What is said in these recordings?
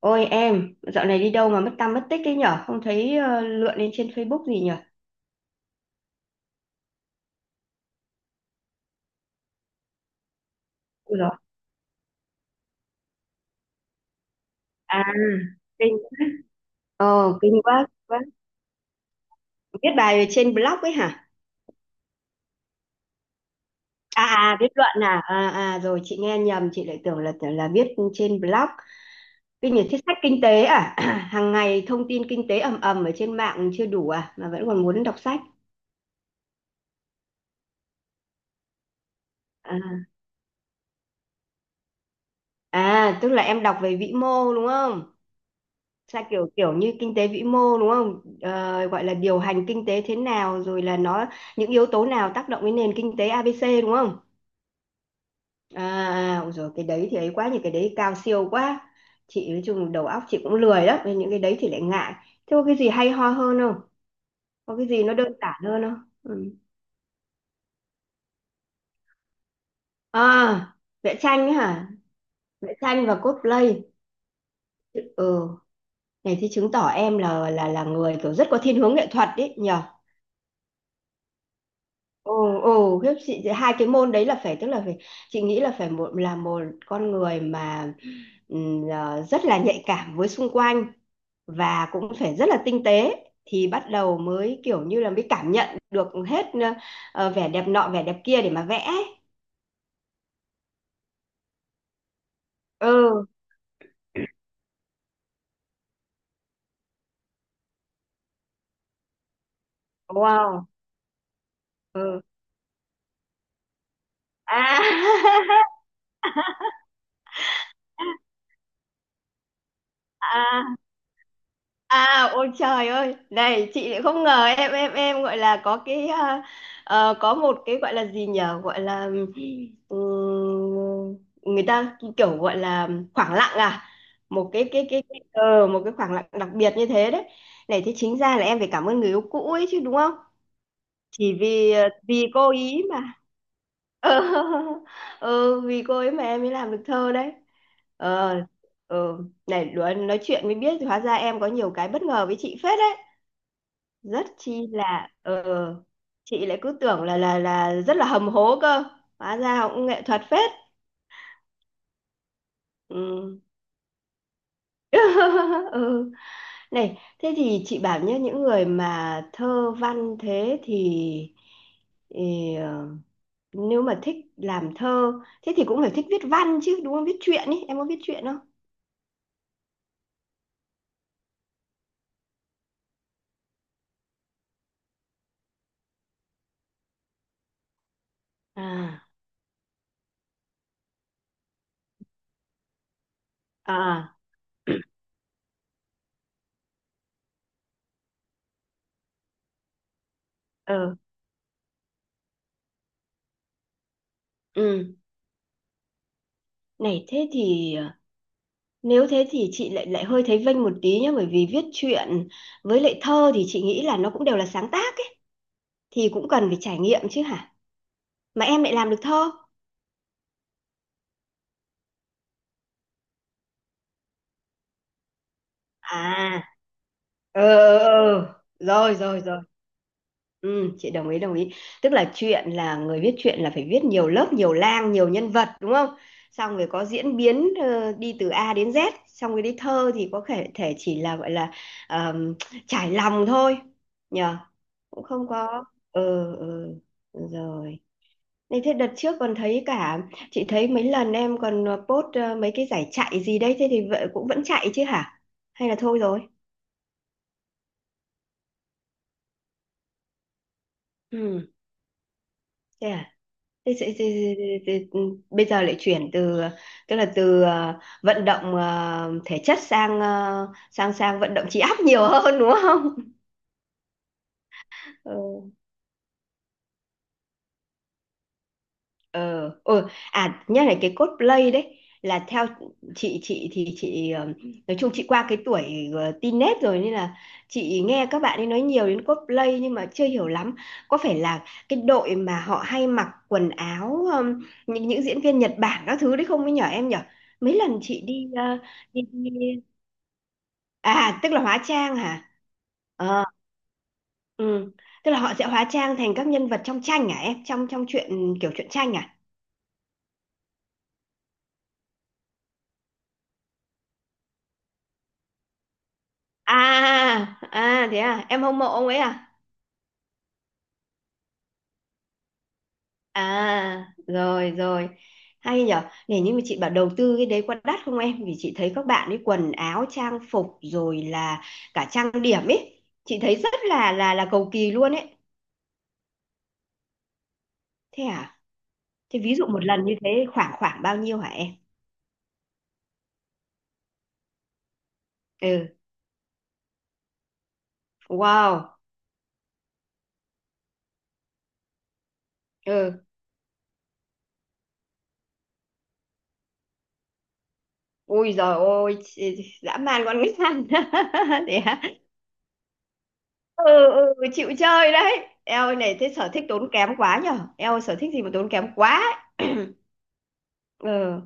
Ôi em, dạo này đi đâu mà mất tăm mất tích ấy nhở? Không thấy lượn lên trên Facebook gì nhở? Ui dồi, à, kinh, kinh quá, quá. Viết bài trên blog ấy hả? À, à, viết luận à? À, à, rồi chị nghe nhầm, chị lại tưởng là viết trên blog. Kinh nhật thích sách kinh tế à? Hàng ngày thông tin kinh tế ầm ầm ở trên mạng chưa đủ à? Mà vẫn còn muốn đọc sách. À, à, tức là em đọc về vĩ mô đúng không? Sao kiểu kiểu như kinh tế vĩ mô đúng không? Ờ, gọi là điều hành kinh tế thế nào rồi là nó những yếu tố nào tác động đến nền kinh tế ABC đúng không? À, rồi cái đấy thì ấy quá, những cái đấy cao siêu quá. Chị nói chung đầu óc chị cũng lười lắm nên những cái đấy thì lại ngại. Thế có cái gì hay ho hơn không? Có cái gì nó đơn giản hơn không? Ừ. À, vẽ tranh ấy hả? Vẽ tranh và cosplay. Ừ, này thì chứng tỏ em là người kiểu rất có thiên hướng nghệ thuật đấy nhỉ? Ồ, ồ, khiếp chị, hai cái môn đấy là phải, tức là phải, chị nghĩ là phải, một là một con người mà à, rất là nhạy cảm với xung quanh, và cũng phải rất là tinh tế, thì bắt đầu mới kiểu như là mới cảm nhận được hết vẻ đẹp nọ vẻ đẹp kia để mà vẽ ấy. Ừ, wow. Ừ. À. À, ôi trời ơi, này chị lại không ngờ em em gọi là có cái à, có một cái gọi là gì nhở, gọi là ừm, người ta kiểu gọi là khoảng lặng à, một cái một cái khoảng lặng đặc biệt như thế đấy. Này thế chính ra là em phải cảm ơn người yêu cũ ấy chứ đúng không? Chỉ vì vì cô ý mà ừ, ừ, vì cô ấy mà em mới làm được thơ đấy. Ờ, ừ. Này luôn nói chuyện mới biết hóa ra em có nhiều cái bất ngờ với chị phết đấy, rất chi là ờ, chị lại cứ tưởng là rất là hầm hố cơ, hóa ra cũng nghệ thuật phết. Ừ. Ừ. Này thế thì chị bảo nhé, những người mà thơ văn thế thì nếu mà thích làm thơ thế thì cũng phải thích viết văn chứ đúng không? Viết truyện ý, em có viết truyện không? À, à, ờ, ừ, này thế thì ờ, nếu thế thì chị lại lại hơi thấy vênh một tí nhá, bởi vì viết truyện với lại thơ thì chị nghĩ là nó cũng đều là sáng tác ấy, thì cũng cần phải trải nghiệm chứ hả, mà em lại làm được thơ. À, ờ, ờ, ờ. Rồi rồi rồi. Ừ, chị đồng ý đồng ý. Tức là chuyện là người viết truyện là phải viết nhiều lớp nhiều lang nhiều nhân vật đúng không, xong rồi có diễn biến đi từ A đến Z, xong rồi đi thơ thì có thể thể chỉ là gọi là ờm, trải lòng thôi, nhờ, cũng không có. Ừ, ừ. Rồi. Này thế đợt trước còn thấy cả, chị thấy mấy lần em còn post mấy cái giải chạy gì đấy, thế thì vậy cũng vẫn chạy chứ hả, hay là thôi rồi? Ừ, thế à? Thế, thế, thế, thế, thế, thế, ừ, bây giờ lại chuyển từ, tức là từ vận động thể chất sang ờ, sang sang vận động trí óc nhiều hơn đúng không? Ừ. Ờ, ừ. À, nhắc lại cái cosplay đấy, là theo chị, thì chị nói chung chị qua cái tuổi teen nết rồi nên là chị nghe các bạn ấy nói nhiều đến cosplay nhưng mà chưa hiểu lắm. Có phải là cái đội mà họ hay mặc quần áo những diễn viên Nhật Bản các thứ đấy không ấy nhở, em nhở? Mấy lần chị đi, đi. À tức là hóa trang hả? Ờ, ừ. Tức là họ sẽ hóa trang thành các nhân vật trong tranh hả em, trong trong truyện kiểu truyện tranh à? À, à, thế à, em hâm mộ ông ấy à? À rồi rồi, hay nhở. Này nhưng mà chị bảo, đầu tư cái đấy có đắt không em, vì chị thấy các bạn ấy quần áo trang phục rồi là cả trang điểm ấy, chị thấy rất là cầu kỳ luôn ấy. Thế à? Thế ví dụ một lần như thế khoảng khoảng bao nhiêu hả em? Ừ, wow. Ừ. Ui giời ôi, chị- dã man con nít ăn. Ừ, ừ, chịu chơi đấy, eo ơi, này thế sở thích tốn kém quá nhở, eo ơi, sở thích gì mà tốn kém quá ấy. Ừ,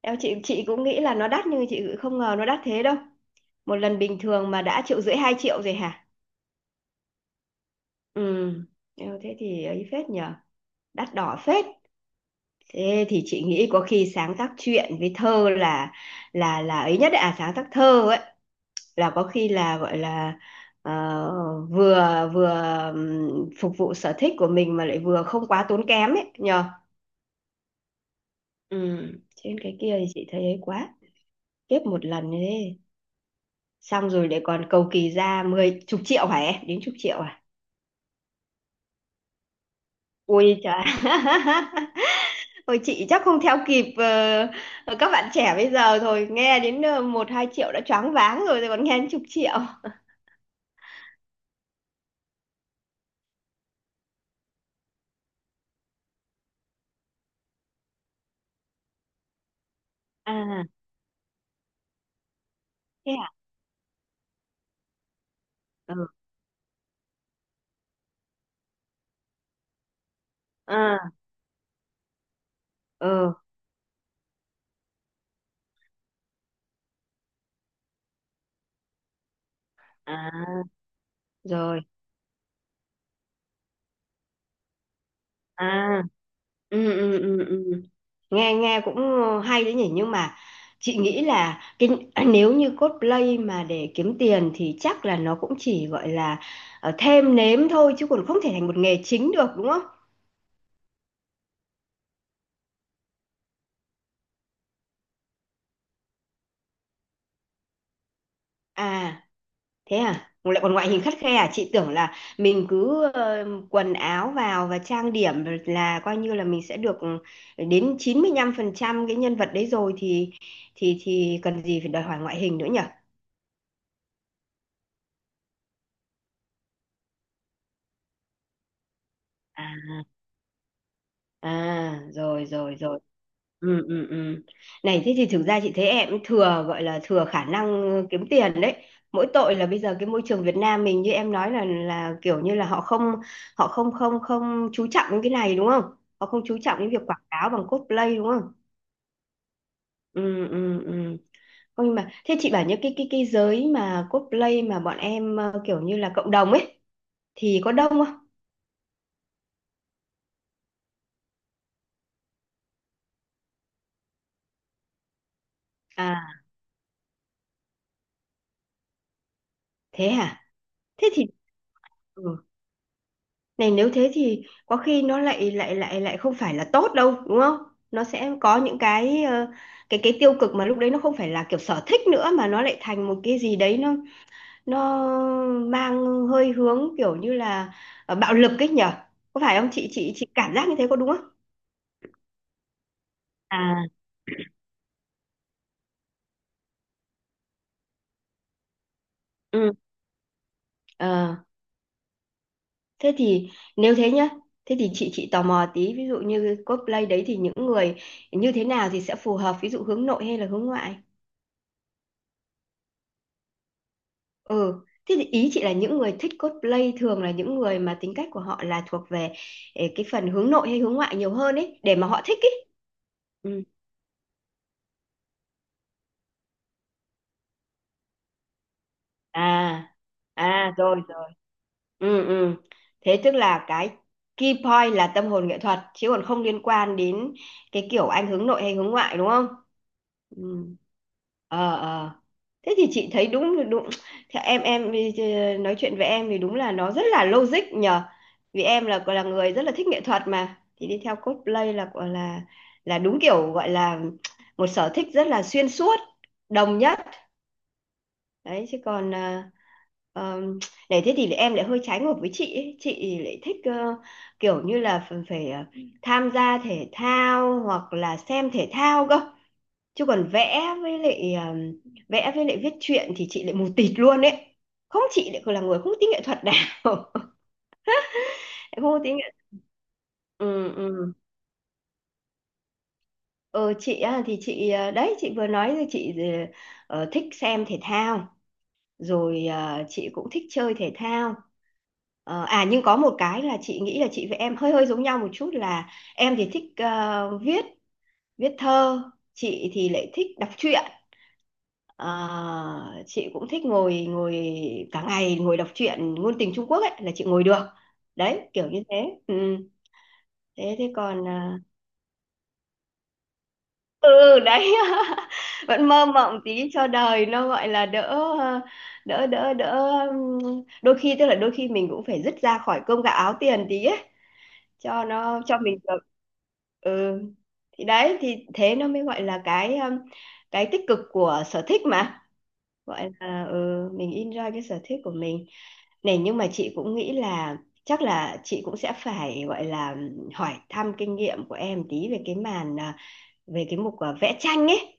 eo chị cũng nghĩ là nó đắt nhưng chị không ngờ nó đắt thế đâu. Một lần bình thường mà đã triệu rưỡi hai triệu rồi hả? Ừ, eo thế thì ấy phết nhở, đắt đỏ phết. Thế thì chị nghĩ có khi sáng tác truyện với thơ là ấy nhất đấy, à sáng tác thơ ấy, là có khi là gọi là ờ, vừa vừa phục vụ sở thích của mình mà lại vừa không quá tốn kém ấy nhờ. Ừ. Trên cái kia thì chị thấy ấy quá, kiếp một lần như thế, xong rồi để còn cầu kỳ ra mười chục triệu hả em, đến chục triệu à? Ui trời. Ôi chị chắc không theo kịp các bạn trẻ bây giờ thôi, nghe đến một hai triệu đã choáng váng rồi, rồi còn nghe đến chục triệu. À thế à, ừ. À, ừ. À rồi. À. Ừ ừ ừ ừ. Nghe nghe cũng hay đấy nhỉ, nhưng mà chị nghĩ là cái nếu như cosplay mà để kiếm tiền thì chắc là nó cũng chỉ gọi là thêm nếm thôi chứ còn không thể thành một nghề chính được đúng không? À thế à, lại còn ngoại hình khắt khe à? Chị tưởng là mình cứ quần áo vào và trang điểm là coi như là mình sẽ được ừ, đến 95% cái nhân vật đấy rồi thì cần gì phải đòi hỏi ngoại hình nữa nhỉ? À. À, rồi rồi rồi. Ừ ừ ừ. Này thế thì thực ra chị thấy em cũng thừa, gọi là thừa khả năng kiếm tiền đấy. Mỗi tội là bây giờ cái môi trường Việt Nam mình như em nói là kiểu như là họ không, họ không không không chú trọng đến cái này đúng không? Họ không chú trọng đến việc quảng cáo bằng cosplay đúng không? Ừ ừ ừ. Không, nhưng mà thế chị bảo, những cái giới mà cosplay mà bọn em kiểu như là cộng đồng ấy thì có đông không? À thế hả? Thế thì ừ. Này nếu thế thì có khi nó lại lại lại lại không phải là tốt đâu đúng không, nó sẽ có những cái cái tiêu cực, mà lúc đấy nó không phải là kiểu sở thích nữa mà nó lại thành một cái gì đấy nó nó mang hơi hướng kiểu như là bạo lực ấy nhở. Có phải không chị, chị cảm giác như thế có đúng không? À, ừ, ờ, thế thì nếu thế nhá, thế thì chị, tò mò tí, ví dụ như cosplay đấy thì những người như thế nào thì sẽ phù hợp, ví dụ hướng nội hay là hướng ngoại? Ừ, thế thì ý chị là những người thích cosplay thường là những người mà tính cách của họ là thuộc về eh, cái phần hướng nội hay hướng ngoại nhiều hơn ấy, để mà họ thích ấy. Ừ. À à rồi rồi. Ừ ừ. Thế tức là cái key point là tâm hồn nghệ thuật chứ còn không liên quan đến cái kiểu anh hướng nội hay hướng ngoại đúng không? Ừ. Ờ ờ, thế thì chị thấy đúng đúng, thì em đi- nói chuyện với em thì đúng là nó rất là logic nhờ, vì em là người rất là thích nghệ thuật mà, thì đi theo cosplay là gọi là đúng kiểu gọi là một sở thích rất là xuyên suốt, đồng nhất đấy chứ còn à, ờm, này thế thì em lại hơi trái ngược với chị ấy. Chị lại thích kiểu như là phải, phải tham gia thể thao hoặc là xem thể thao cơ, chứ còn vẽ với lại viết truyện thì chị lại mù tịt luôn ấy, không chị lại còn là người không tính nghệ thuật này. Không có tính nghệ. Ừ ừ. Ờ, chị á, thì chị đấy chị vừa nói rồi, chị thích xem thể thao, rồi à, chị cũng thích chơi thể thao. Ờ, à nhưng có một cái là chị nghĩ là chị với em hơi hơi giống nhau một chút là em thì thích viết, viết thơ, chị thì lại thích đọc truyện. Ờ, chị cũng thích ngồi, ngồi cả ngày ngồi đọc truyện ngôn tình Trung Quốc ấy, là chị ngồi được đấy kiểu như thế. Ừ. Thế thế còn ừ đấy. Vẫn mơ mộng tí cho đời nó gọi là đỡ, ờ, đỡ đôi khi, tức là đôi khi mình cũng phải dứt ra khỏi cơm gạo áo tiền tí ấy, cho nó cho mình được. Ừ, thì đấy, thì thế nó mới gọi là cái tích cực của sở thích mà, gọi là ừ, mình enjoy cái sở thích của mình. Này nhưng mà chị cũng nghĩ là chắc là chị cũng sẽ phải gọi là hỏi thăm kinh nghiệm của em tí về cái màn à, về cái mục à, vẽ tranh ấy.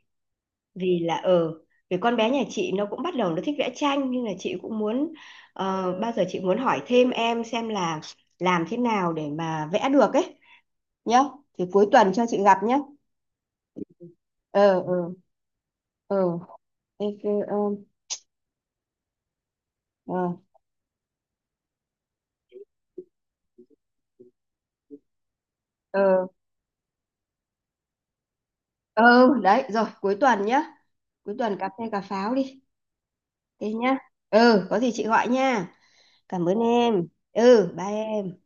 Vì là ờ, vì con bé nhà chị nó cũng bắt đầu nó thích vẽ tranh, nhưng là chị cũng muốn bao giờ chị muốn hỏi thêm em xem là làm thế nào để mà vẽ được ấy nhá, thì cuối tuần cho chị gặp nhá. Ờ ờ ờ. Thế, ờ, ờ. Ờ, ừ đấy, rồi cuối tuần nhá, cuối tuần cà phê cà pháo đi. Thế nhá, ừ có gì chị gọi nha. Cảm ơn em. Ừ, bye em.